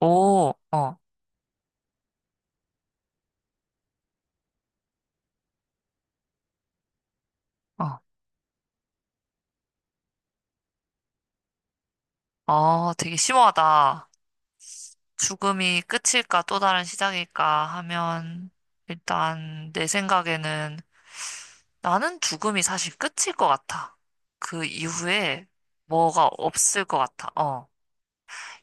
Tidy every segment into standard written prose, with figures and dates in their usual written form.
오, 어, 어. 아, 되게 심오하다. 죽음이 끝일까 또 다른 시작일까 하면 일단 내 생각에는 나는 죽음이 사실 끝일 것 같아. 그 이후에 뭐가 없을 것 같아. 어.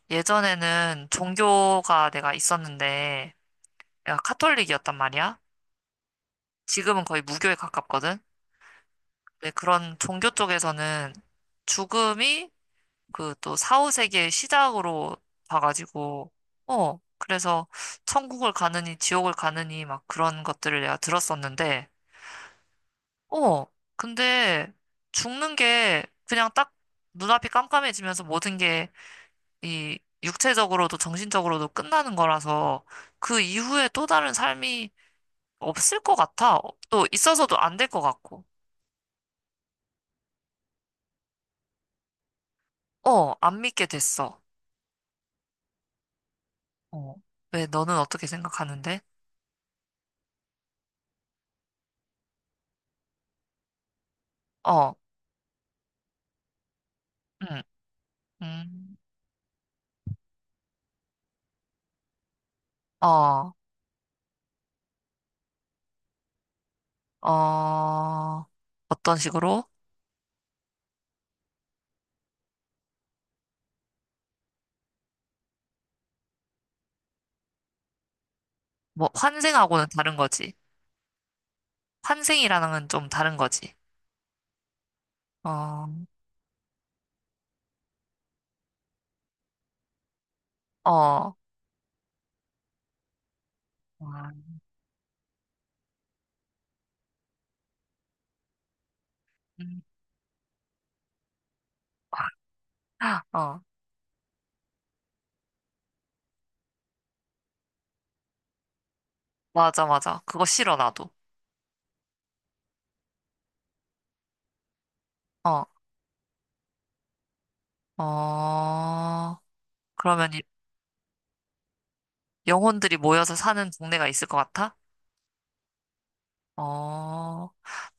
예전에는 종교가 내가 있었는데 내가 카톨릭이었단 말이야. 지금은 거의 무교에 가깝거든. 근데 그런 종교 쪽에서는 죽음이 그 또사후세기의 시작으로 봐가지고, 어, 그래서 천국을 가느니 지옥을 가느니 막 그런 것들을 내가 들었었는데, 어, 근데 죽는 게 그냥 딱 눈앞이 깜깜해지면서 모든 게 이 육체적으로도 정신적으로도 끝나는 거라서 그 이후에 또 다른 삶이 없을 것 같아. 또 있어서도 안 될 것 같고. 어, 안 믿게 됐어. 어. 왜 너는 어떻게 생각하는데? 어, 응, 음, 어. 어, 어떤 식으로? 뭐, 환생하고는 다른 거지. 환생이라는 건 좀 다른 거지. 어, 어, 와, 음, 어, 맞아, 맞아. 그거 싫어, 나도. 어, 어, 그러면 이- 영혼들이 모여서 사는 동네가 있을 것 같아? 어,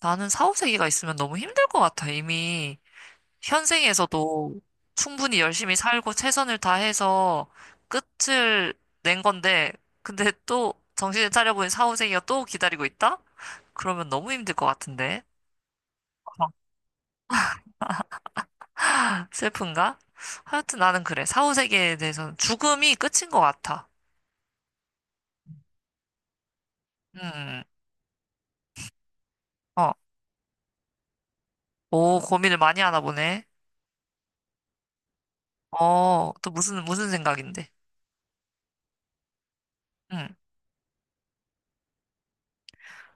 나는 사후세계가 있으면 너무 힘들 것 같아, 이미. 현생에서도 충분히 열심히 살고 최선을 다해서 끝을 낸 건데, 근데 또 정신을 차려보니 사후생이가 또 기다리고 있다? 그러면 너무 힘들 것 같은데. 슬픈가? 하여튼 나는 그래. 사후세계에 대해서는 죽음이 끝인 것 같아. 음, 어. 오, 고민을 많이 하나 보네. 어, 또 무슨 생각인데? 음.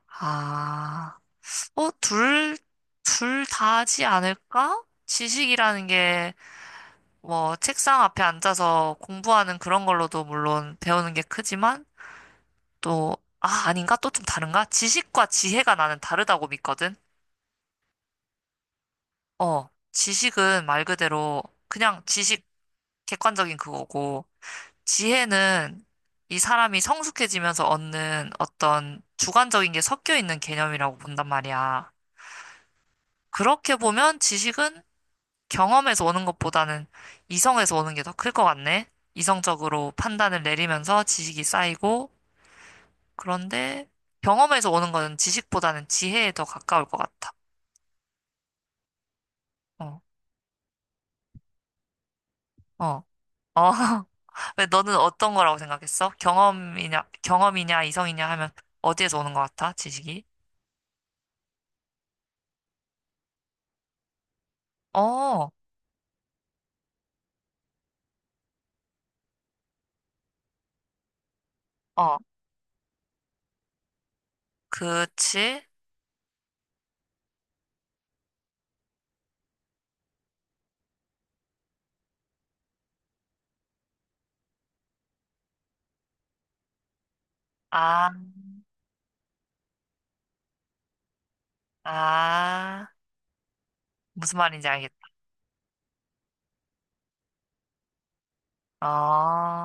아, 어, 둘 다지 않을까? 지식이라는 게 뭐, 책상 앞에 앉아서 공부하는 그런 걸로도 물론 배우는 게 크지만, 또, 아, 아닌가? 또 좀 다른가? 지식과 지혜가 나는 다르다고 믿거든? 어, 지식은 말 그대로 그냥 지식 객관적인 그거고, 지혜는 이 사람이 성숙해지면서 얻는 어떤 주관적인 게 섞여 있는 개념이라고 본단 말이야. 그렇게 보면 지식은 경험에서 오는 것보다는 이성에서 오는 게 더 클 것 같네? 이성적으로 판단을 내리면서 지식이 쌓이고 그런데 경험에서 오는 거는 지식보다는 지혜에 더 가까울 것 같아. 어, 어, 어. 왜 너는 어떤 거라고 생각했어? 경험이냐, 이성이냐 하면 어디에서 오는 것 같아? 지식이? 어, 어, 그치? 아, 아, 무슨 말인지 알겠다. 어,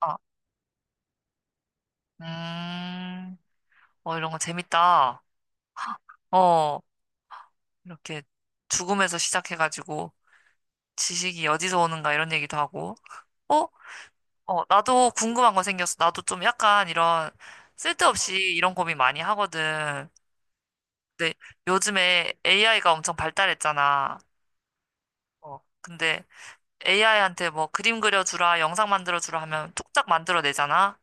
어, 음, 어, 이런 거 재밌다. 어, 이렇게 죽음에서 시작해가지고 지식이 어디서 오는가 이런 얘기도 하고. 어? 어, 나도 궁금한 거 생겼어. 나도 좀 약간 이런 쓸데없이 이런 고민 많이 하거든. 근데 요즘에 AI가 엄청 발달했잖아. 어, 근데 AI한테 뭐 그림 그려주라, 영상 만들어주라 하면 뚝딱 만들어내잖아.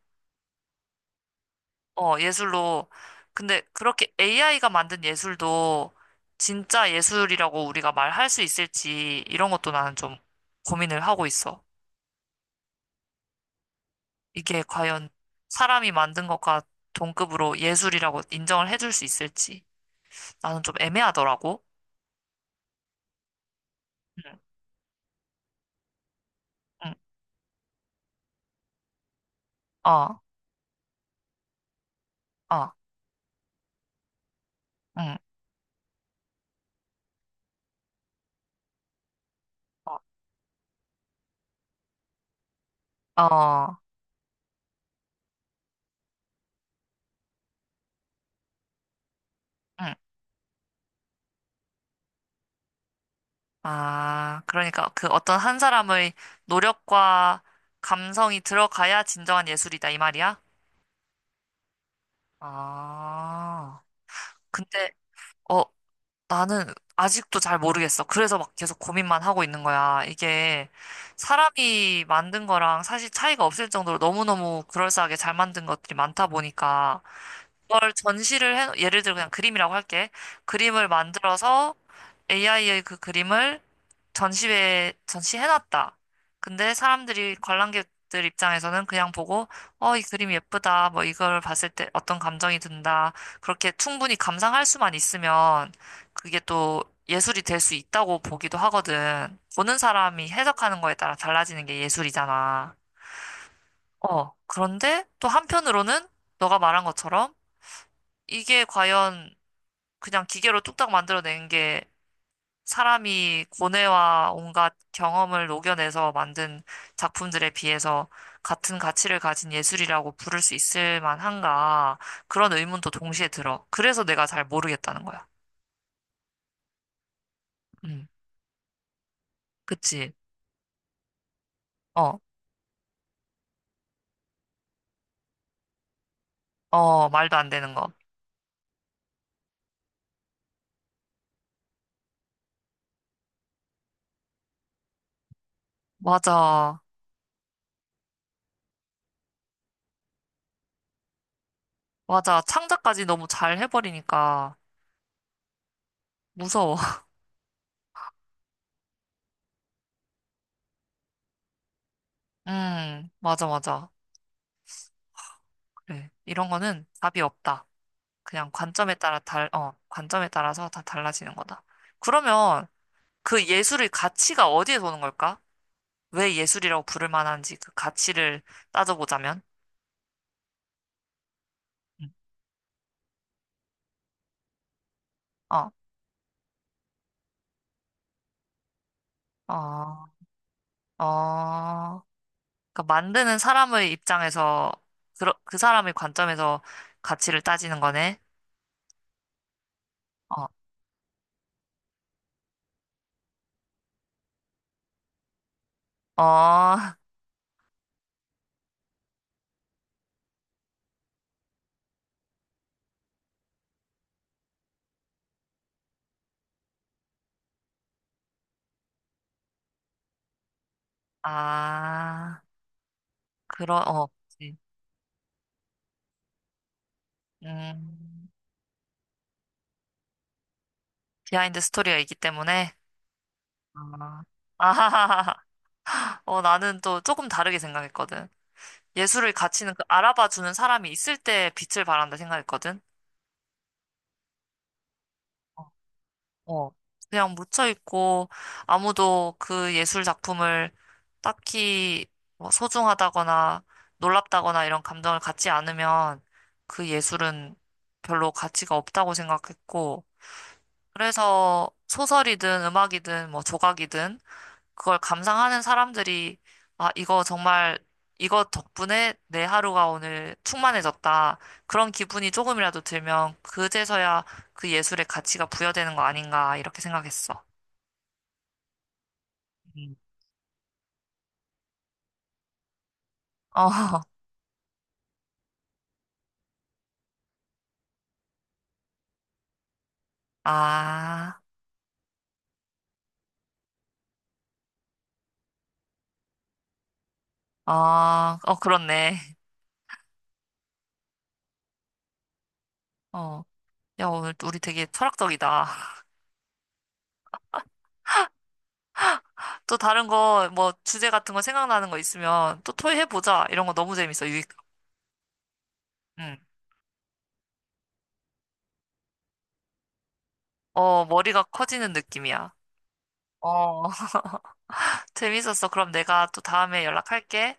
어, 예술로. 근데 그렇게 AI가 만든 예술도 진짜 예술이라고 우리가 말할 수 있을지 이런 것도 나는 좀 고민을 하고 있어. 이게 과연 사람이 만든 것과 동급으로 예술이라고 인정을 해줄 수 있을지. 나는 좀 애매하더라고. 응, 응, 어, 어, 응, 어, 어, 응. 아, 그러니까 그 어떤 한 사람의 노력과 감성이 들어가야 진정한 예술이다, 이 말이야? 아, 근데, 어, 나는 아직도 잘 모르겠어. 그래서 막 계속 고민만 하고 있는 거야. 이게 사람이 만든 거랑 사실 차이가 없을 정도로 너무너무 그럴싸하게 잘 만든 것들이 많다 보니까 그걸 전시를 해, 예를 들어 그냥 그림이라고 할게. 그림을 만들어서 AI의 그 그림을 전시회에 전시해놨다. 근데 사람들이 관람객들 입장에서는 그냥 보고, 어, 이 그림 예쁘다. 뭐 이걸 봤을 때 어떤 감정이 든다. 그렇게 충분히 감상할 수만 있으면 그게 또 예술이 될 수 있다고 보기도 하거든. 보는 사람이 해석하는 거에 따라 달라지는 게 예술이잖아. 어, 그런데 또 한편으로는 너가 말한 것처럼 이게 과연 그냥 기계로 뚝딱 만들어낸 게 사람이 고뇌와 온갖 경험을 녹여내서 만든 작품들에 비해서 같은 가치를 가진 예술이라고 부를 수 있을 만한가 그런 의문도 동시에 들어. 그래서 내가 잘 모르겠다는 거야. 음, 그치. 어, 어, 말도 안 되는 거. 맞아, 맞아. 창작까지 너무 잘 해버리니까 무서워. 맞아, 맞아. 그래. 이런 거는 답이 없다. 그냥 관점에 따라서 다 달라지는 거다. 그러면 그 예술의 가치가 어디에서 오는 걸까? 왜 예술이라고 부를 만한지 그 가치를 따져보자면, 음. 어, 어, 어, 그러니까 만드는 사람의 입장에서 그 사람의 관점에서 가치를 따지는 거네. 어, 어, 아, 그러, 어, 그치. 음, 비하인드 스토리가 있기 때문에, 아, 아하하하. 어, 나는 또 조금 다르게 생각했거든. 예술의 가치는 그 알아봐주는 사람이 있을 때 빛을 발한다 생각했거든. 어, 어. 그냥 묻혀있고 아무도 그 예술 작품을 딱히 뭐 소중하다거나 놀랍다거나 이런 감정을 갖지 않으면 그 예술은 별로 가치가 없다고 생각했고 그래서 소설이든 음악이든 뭐 조각이든 그걸 감상하는 사람들이 아, 이거 정말 이거 덕분에 내 하루가 오늘 충만해졌다. 그런 기분이 조금이라도 들면 그제서야 그 예술의 가치가 부여되는 거 아닌가 이렇게 생각했어. 음. 어, 아, 어, 어, 그렇네. 어, 야, 오늘 우리 되게 철학적이다. 또 다른 거, 뭐, 주제 같은 거 생각나는 거 있으면 또 토의해보자. 이런 거 너무 재밌어, 유익. 응. 어, 머리가 커지는 느낌이야. 어. 재밌었어. 그럼 내가 또 다음에 연락할게.